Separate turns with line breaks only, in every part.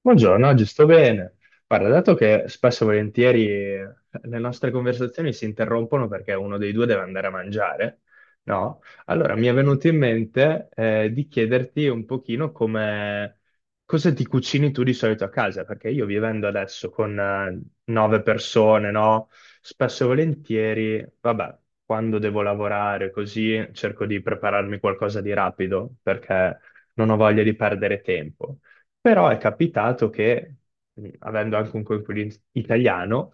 Buongiorno, oggi sto bene. Guarda, dato che spesso e volentieri le nostre conversazioni si interrompono perché uno dei due deve andare a mangiare, no? Allora mi è venuto in mente di chiederti un pochino come cosa ti cucini tu di solito a casa, perché io vivendo adesso con nove persone, no? Spesso e volentieri, vabbè, quando devo lavorare così cerco di prepararmi qualcosa di rapido perché non ho voglia di perdere tempo. Però è capitato che, avendo anche un coinquilino italiano,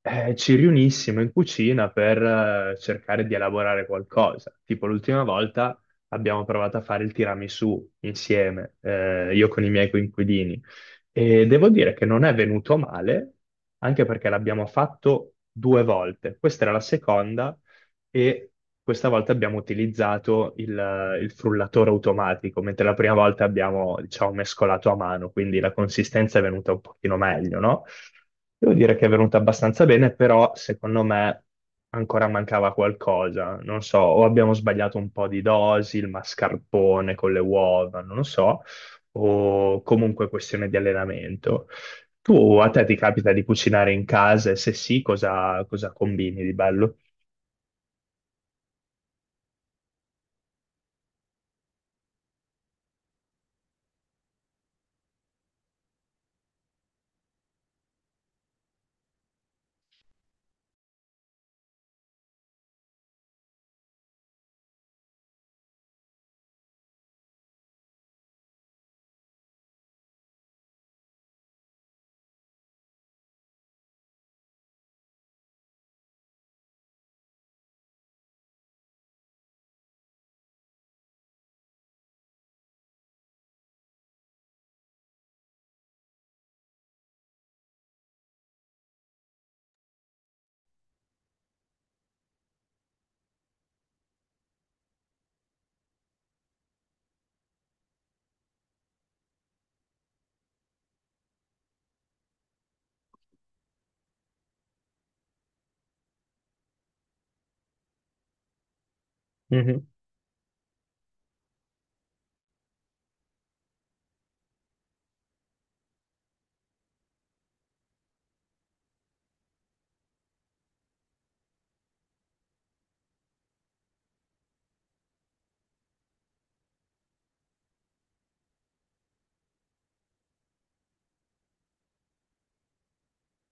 ci riunissimo in cucina per cercare di elaborare qualcosa. Tipo l'ultima volta abbiamo provato a fare il tiramisù insieme, io con i miei coinquilini. E devo dire che non è venuto male, anche perché l'abbiamo fatto due volte. Questa era la seconda e questa volta abbiamo utilizzato il frullatore automatico, mentre la prima volta abbiamo, diciamo, mescolato a mano, quindi la consistenza è venuta un pochino meglio, no? Devo dire che è venuta abbastanza bene, però secondo me ancora mancava qualcosa, non so, o abbiamo sbagliato un po' di dosi, il mascarpone con le uova, non lo so, o comunque questione di allenamento. Tu a te ti capita di cucinare in casa e se sì, cosa, cosa combini di bello?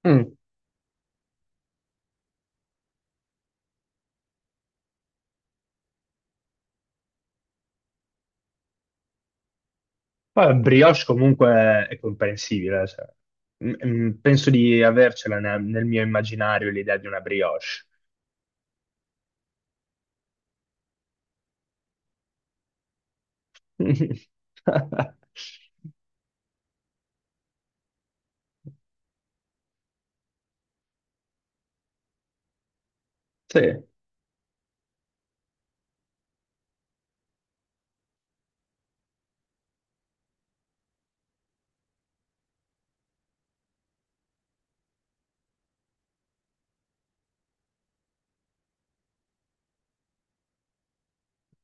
Mm. Poi brioche comunque è comprensibile, cioè, penso di avercela nel mio immaginario l'idea di una brioche. Sì, i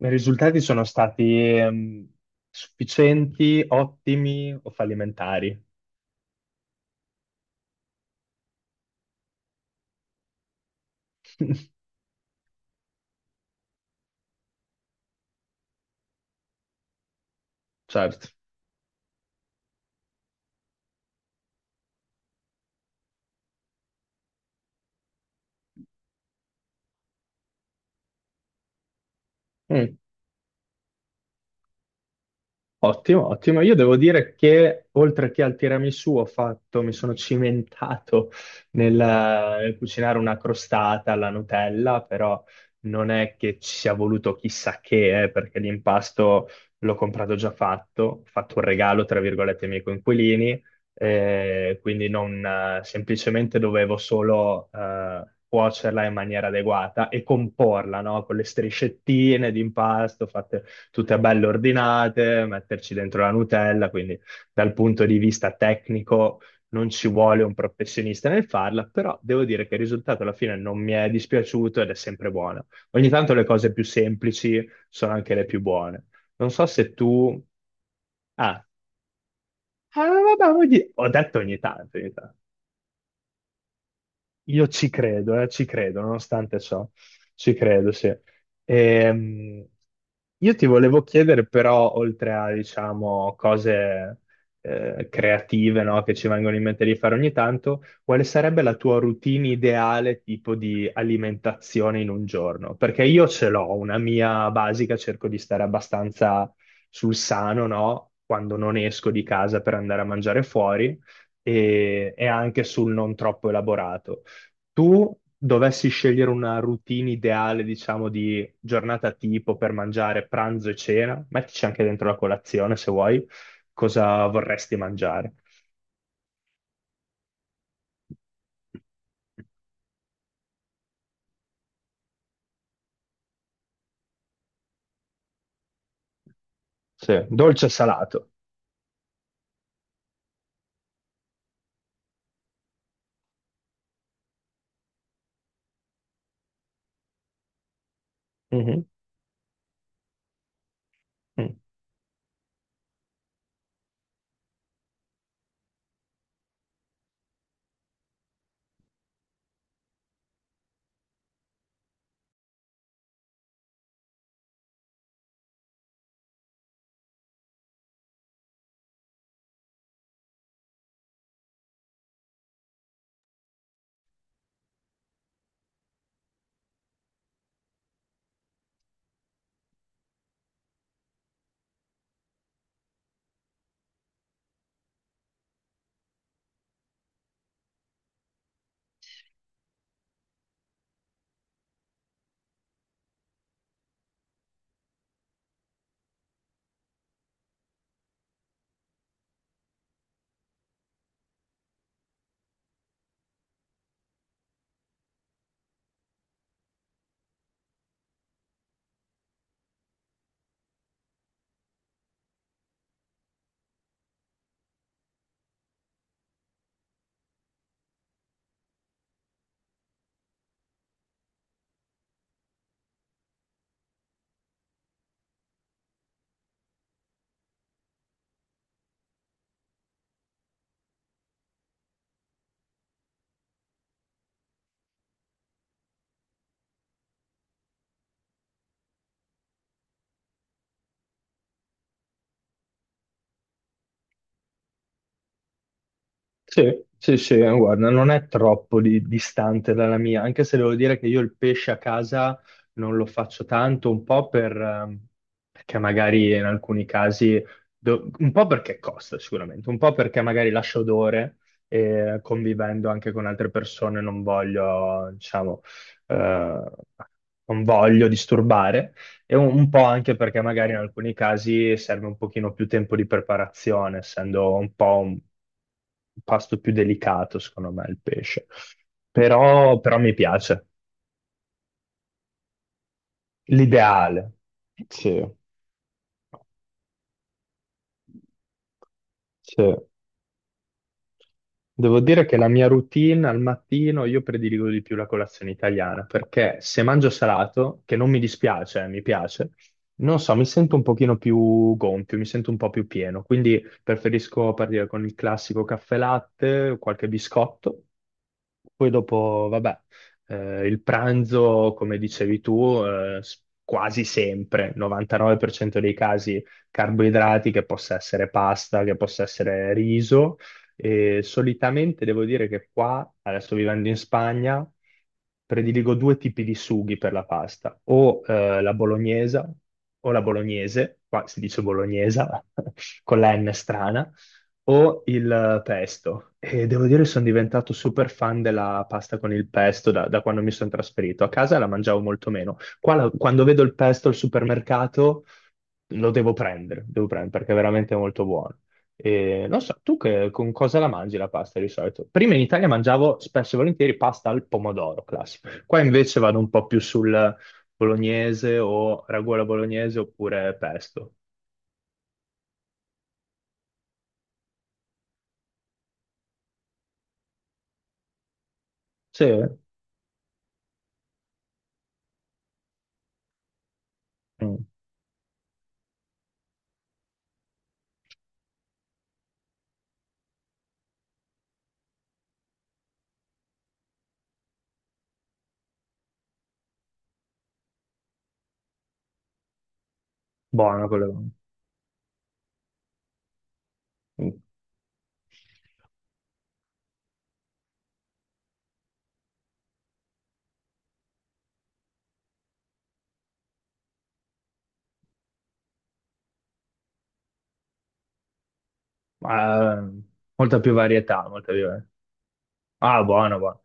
risultati sono stati ehm, sufficienti, ottimi o fallimentari? Certo. Mm. Ottimo, ottimo. Io devo dire che oltre che al tiramisù ho fatto, mi sono cimentato nel cucinare una crostata alla Nutella, però non è che ci sia voluto chissà che, perché l'impasto l'ho comprato già fatto, ho fatto un regalo, tra virgolette, ai miei coinquilini, quindi non, semplicemente dovevo solo cuocerla in maniera adeguata e comporla, no? Con le striscettine di impasto fatte tutte belle ordinate, metterci dentro la Nutella, quindi dal punto di vista tecnico non ci vuole un professionista nel farla, però devo dire che il risultato alla fine non mi è dispiaciuto ed è sempre buona. Ogni tanto le cose più semplici sono anche le più buone. Non so se tu... Ah, eh, vabbè, ho detto ogni tanto, ogni tanto. Io ci credo, nonostante ciò, ci credo, sì. Ehm, io ti volevo chiedere però, oltre a, diciamo, cose creative, no, che ci vengono in mente di fare ogni tanto, quale sarebbe la tua routine ideale tipo di alimentazione in un giorno? Perché io ce l'ho, una mia basica, cerco di stare abbastanza sul sano, no? Quando non esco di casa per andare a mangiare fuori e anche sul non troppo elaborato tu dovessi scegliere una routine ideale, diciamo, di giornata tipo per mangiare pranzo e cena, mettici anche dentro la colazione se vuoi, cosa vorresti mangiare? Sì, dolce e salato. Mhm. Mm. Sì, sì, sì, guarda, non è troppo distante dalla mia, anche se devo dire che io il pesce a casa non lo faccio tanto, un po' per, perché magari in alcuni casi, un po' perché costa sicuramente, un po' perché magari lascia odore e convivendo anche con altre persone non voglio, diciamo, eh, non voglio disturbare. E un po' anche perché magari in alcuni casi serve un pochino più tempo di preparazione, essendo un po' un pasto più delicato, secondo me, il pesce. Però, però mi piace. L'ideale. Sì, sì. Devo dire che la mia routine al mattino io prediligo di più la colazione italiana perché se mangio salato, che non mi dispiace, mi piace, non so, mi sento un pochino più gonfio, mi sento un po' più pieno, quindi preferisco partire con il classico caffè latte, qualche biscotto. Poi dopo, vabbè, il pranzo, come dicevi tu, quasi sempre, 99% dei casi, carboidrati, che possa essere pasta, che possa essere riso, e solitamente devo dire che qua, adesso vivendo in Spagna, prediligo due tipi di sughi per la pasta, o la bolognesa o la bolognese, qua si dice bolognesa con la N strana, o il pesto. E devo dire sono diventato super fan della pasta con il pesto da quando mi sono trasferito. A casa la mangiavo molto meno. Qua quando vedo il pesto al supermercato lo devo prendere perché è veramente molto buono. E non so, tu con cosa la mangi la pasta di solito? Prima in Italia mangiavo spesso e volentieri pasta al pomodoro, classico. Qua invece vado un po' più sul bolognese o ragù alla bolognese oppure pesto. Sì, mm, buono quello. Mm. Ah, molta più varietà, molta più. Ah, buono, buono.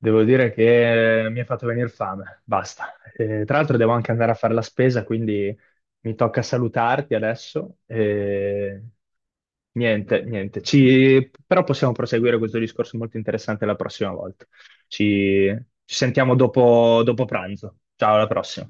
Devo dire che mi ha fatto venire fame, basta. Tra l'altro devo anche andare a fare la spesa, quindi mi tocca salutarti adesso. Niente, niente. Però possiamo proseguire questo discorso molto interessante la prossima volta. Ci, ci sentiamo dopo pranzo. Ciao, alla prossima.